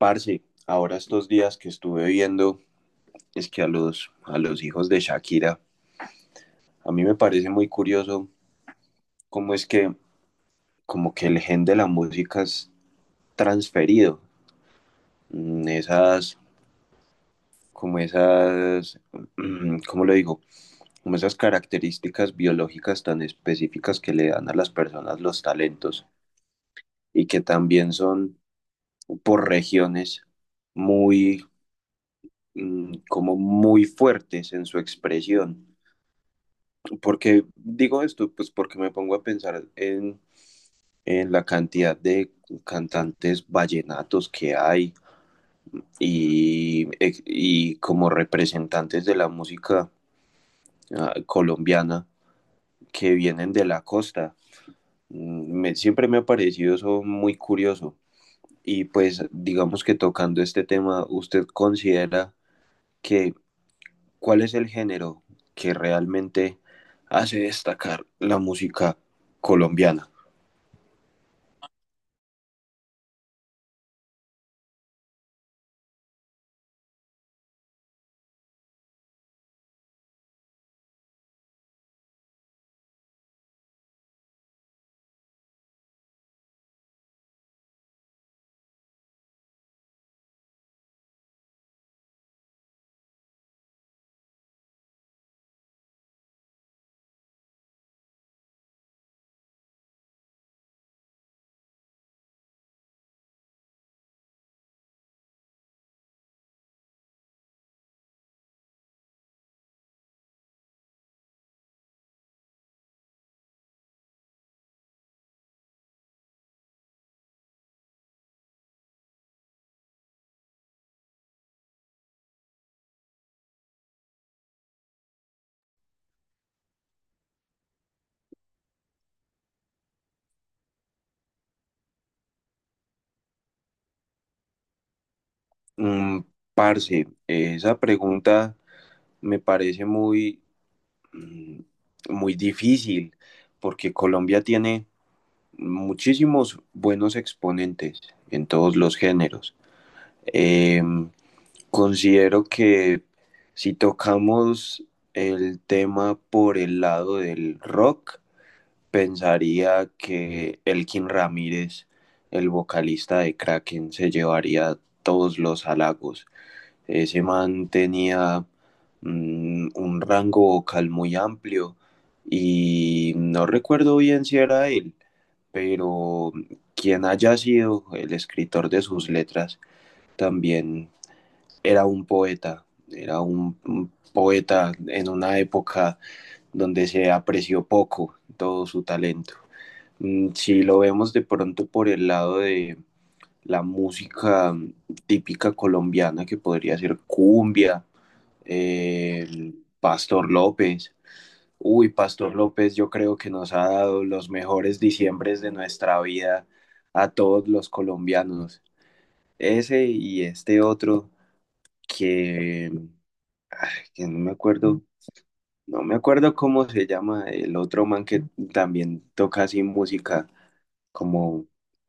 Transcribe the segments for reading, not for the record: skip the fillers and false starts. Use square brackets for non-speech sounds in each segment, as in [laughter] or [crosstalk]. Parce, ahora estos días que estuve viendo es que a los hijos de Shakira, a mí me parece muy curioso cómo es que como que el gen de la música es transferido. Mm, Esas, como esas, mm, ¿Cómo lo digo? Como esas características biológicas tan específicas que le dan a las personas los talentos y que también son por regiones muy, como muy fuertes en su expresión. ¿Por qué digo esto? Pues porque me pongo a pensar en la cantidad de cantantes vallenatos que hay y, y como representantes de la música colombiana que vienen de la costa. Siempre me ha parecido eso muy curioso. Y pues digamos que tocando este tema, ¿usted considera que cuál es el género que realmente hace destacar la música colombiana? Mm, Parce, esa pregunta me parece mm, muy difícil porque Colombia tiene muchísimos buenos exponentes en todos los géneros. Eh, Considero que si tocamos el tema por el lado del rock, pensaría que Elkin Ramírez, el vocalista de Kraken, se llevaría todos los halagos. Ese man tenía un rango vocal muy amplio y no recuerdo bien si era él, pero quien haya sido el escritor de sus letras, también era un poeta, era un poeta en una época donde se apreció poco todo su talento. Si lo vemos de pronto por el lado de la música típica colombiana, que podría ser cumbia, eh, Pastor López. Uy, Pastor López, yo creo que nos ha dado los mejores diciembres de nuestra vida a todos los colombianos. Ese y este otro que, que no me acuerdo, no me acuerdo cómo se llama, el otro man que también toca así música como,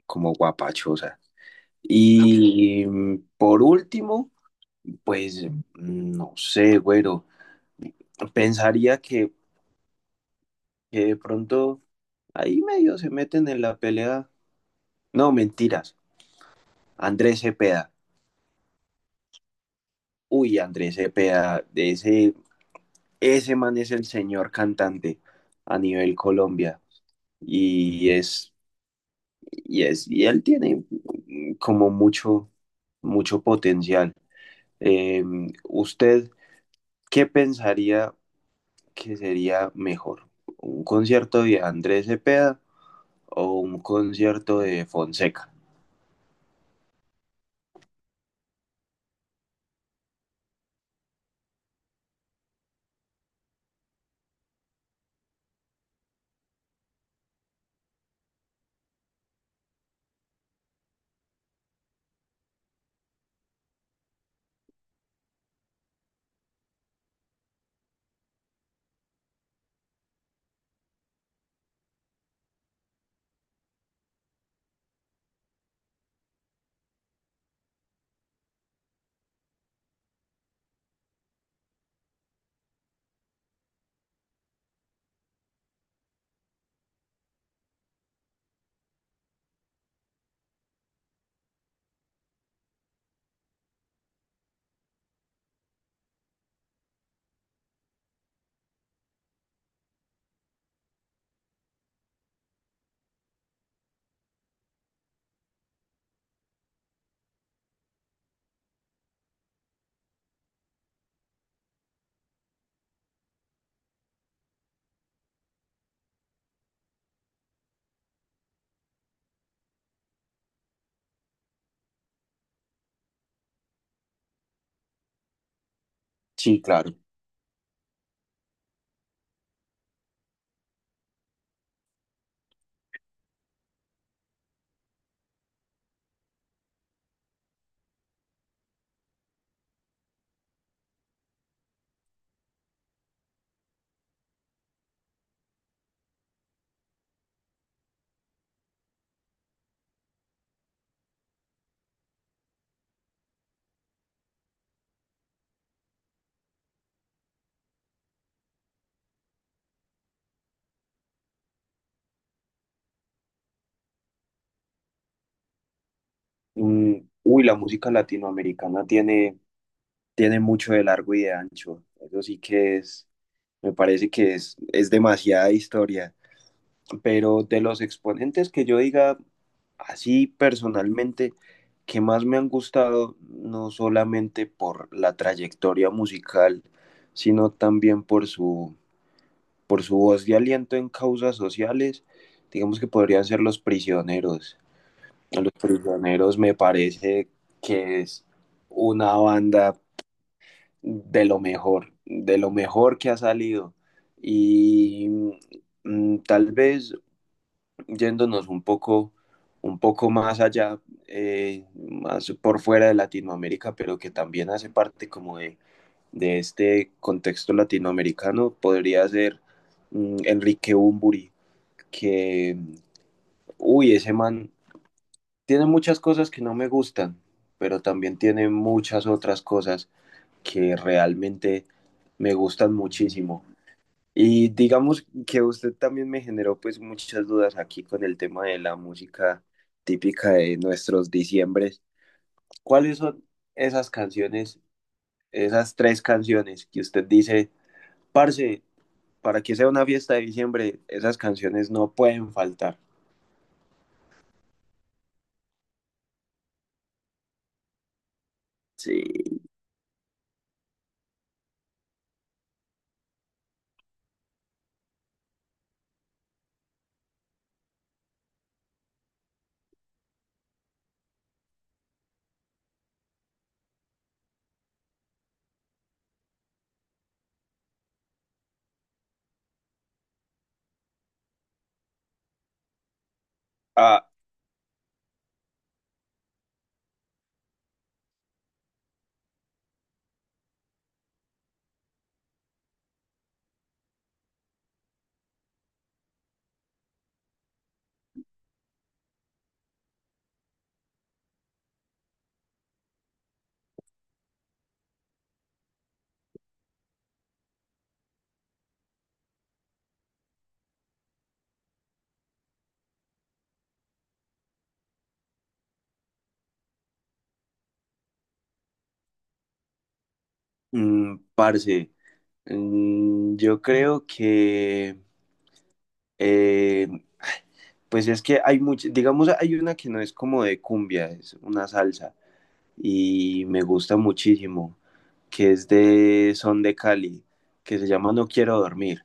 como guapachosa. Y por último, pues no sé, güero, pensaría que de pronto ahí medio se meten en la pelea. No, mentiras. Andrés Cepeda. Uy, Andrés Cepeda, de ese, ese man es el señor cantante a nivel Colombia. Y es, y él tiene como mucho, mucho potencial. Eh, ¿Usted qué pensaría que sería mejor? ¿Un concierto de Andrés Cepeda o un concierto de Fonseca? Sí, claro. Mm, Uy, la música latinoamericana tiene, tiene mucho de largo y de ancho. Eso sí que es, me parece que es demasiada historia. Pero de los exponentes que yo diga así personalmente, que más me han gustado, no solamente por la trayectoria musical, sino también por por su voz de aliento en causas sociales, digamos que podrían ser Los Prisioneros. A Los Prisioneros me parece que es una banda de lo mejor que ha salido. Y tal vez yéndonos un poco más allá, más por fuera de Latinoamérica, pero que también hace parte como de este contexto latinoamericano, podría ser Enrique Bunbury, que, uy, ese man tiene muchas cosas que no me gustan, pero también tiene muchas otras cosas que realmente me gustan muchísimo. Y digamos que usted también me generó pues muchas dudas aquí con el tema de la música típica de nuestros diciembres. ¿Cuáles son esas canciones, esas tres canciones que usted dice, parce, para que sea una fiesta de diciembre, esas canciones no pueden faltar? Sí. Ah, Parce, yo creo que, eh, pues es que hay muchas, digamos, hay una que no es como de cumbia, es una salsa y me gusta muchísimo, que es de Son de Cali, que se llama No quiero dormir.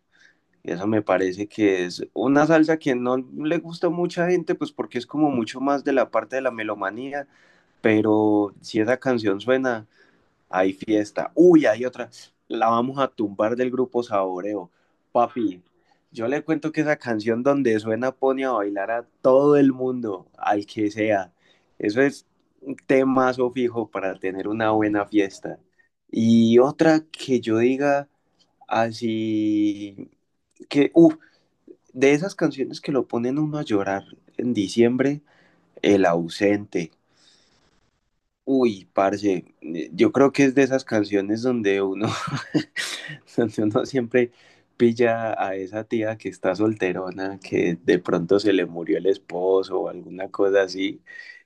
Y eso me parece que es una salsa que no le gusta a mucha gente, pues porque es como mucho más de la parte de la melomanía, pero si esa canción suena, hay fiesta. Uy, hay otra. La vamos a tumbar del grupo Saboreo. Papi, yo le cuento que esa canción donde suena pone a bailar a todo el mundo, al que sea. Eso es un temazo fijo para tener una buena fiesta. Y otra que yo diga así, que, uff, de esas canciones que lo ponen uno a llorar en diciembre, El ausente. Uy, parce, yo creo que es de esas canciones donde uno [laughs] [laughs] donde uno siempre pilla a esa tía que está solterona, que de pronto se le murió el esposo o alguna cosa así,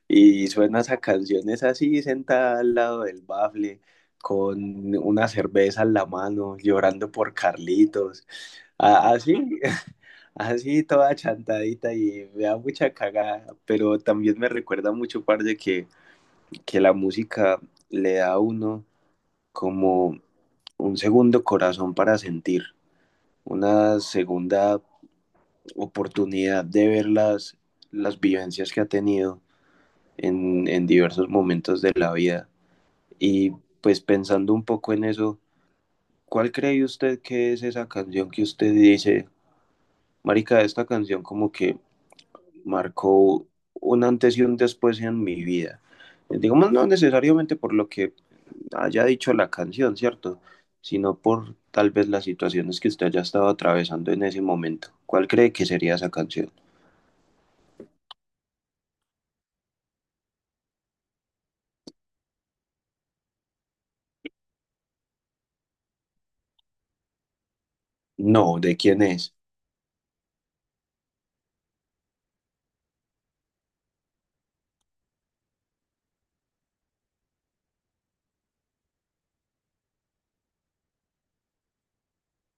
y suena esas canciones así, sentada al lado del bafle, con una cerveza en la mano, llorando por Carlitos, así, [laughs] así toda chantadita y me da mucha cagada, pero también me recuerda mucho, parce, que la música le da a uno como un segundo corazón para sentir una segunda oportunidad de ver las vivencias que ha tenido en diversos momentos de la vida. Y pues pensando un poco en eso, ¿cuál cree usted que es esa canción que usted dice, marica, esta canción como que marcó un antes y un después en mi vida? Digamos, no necesariamente por lo que haya dicho la canción, ¿cierto? Sino por tal vez las situaciones que usted haya estado atravesando en ese momento. ¿Cuál cree que sería esa canción? No, ¿de quién es?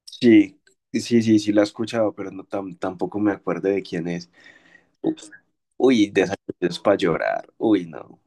Sí, sí, sí, sí la he escuchado, pero no tampoco me acuerdo de quién es. Uy, de esa es para llorar. Uy, no.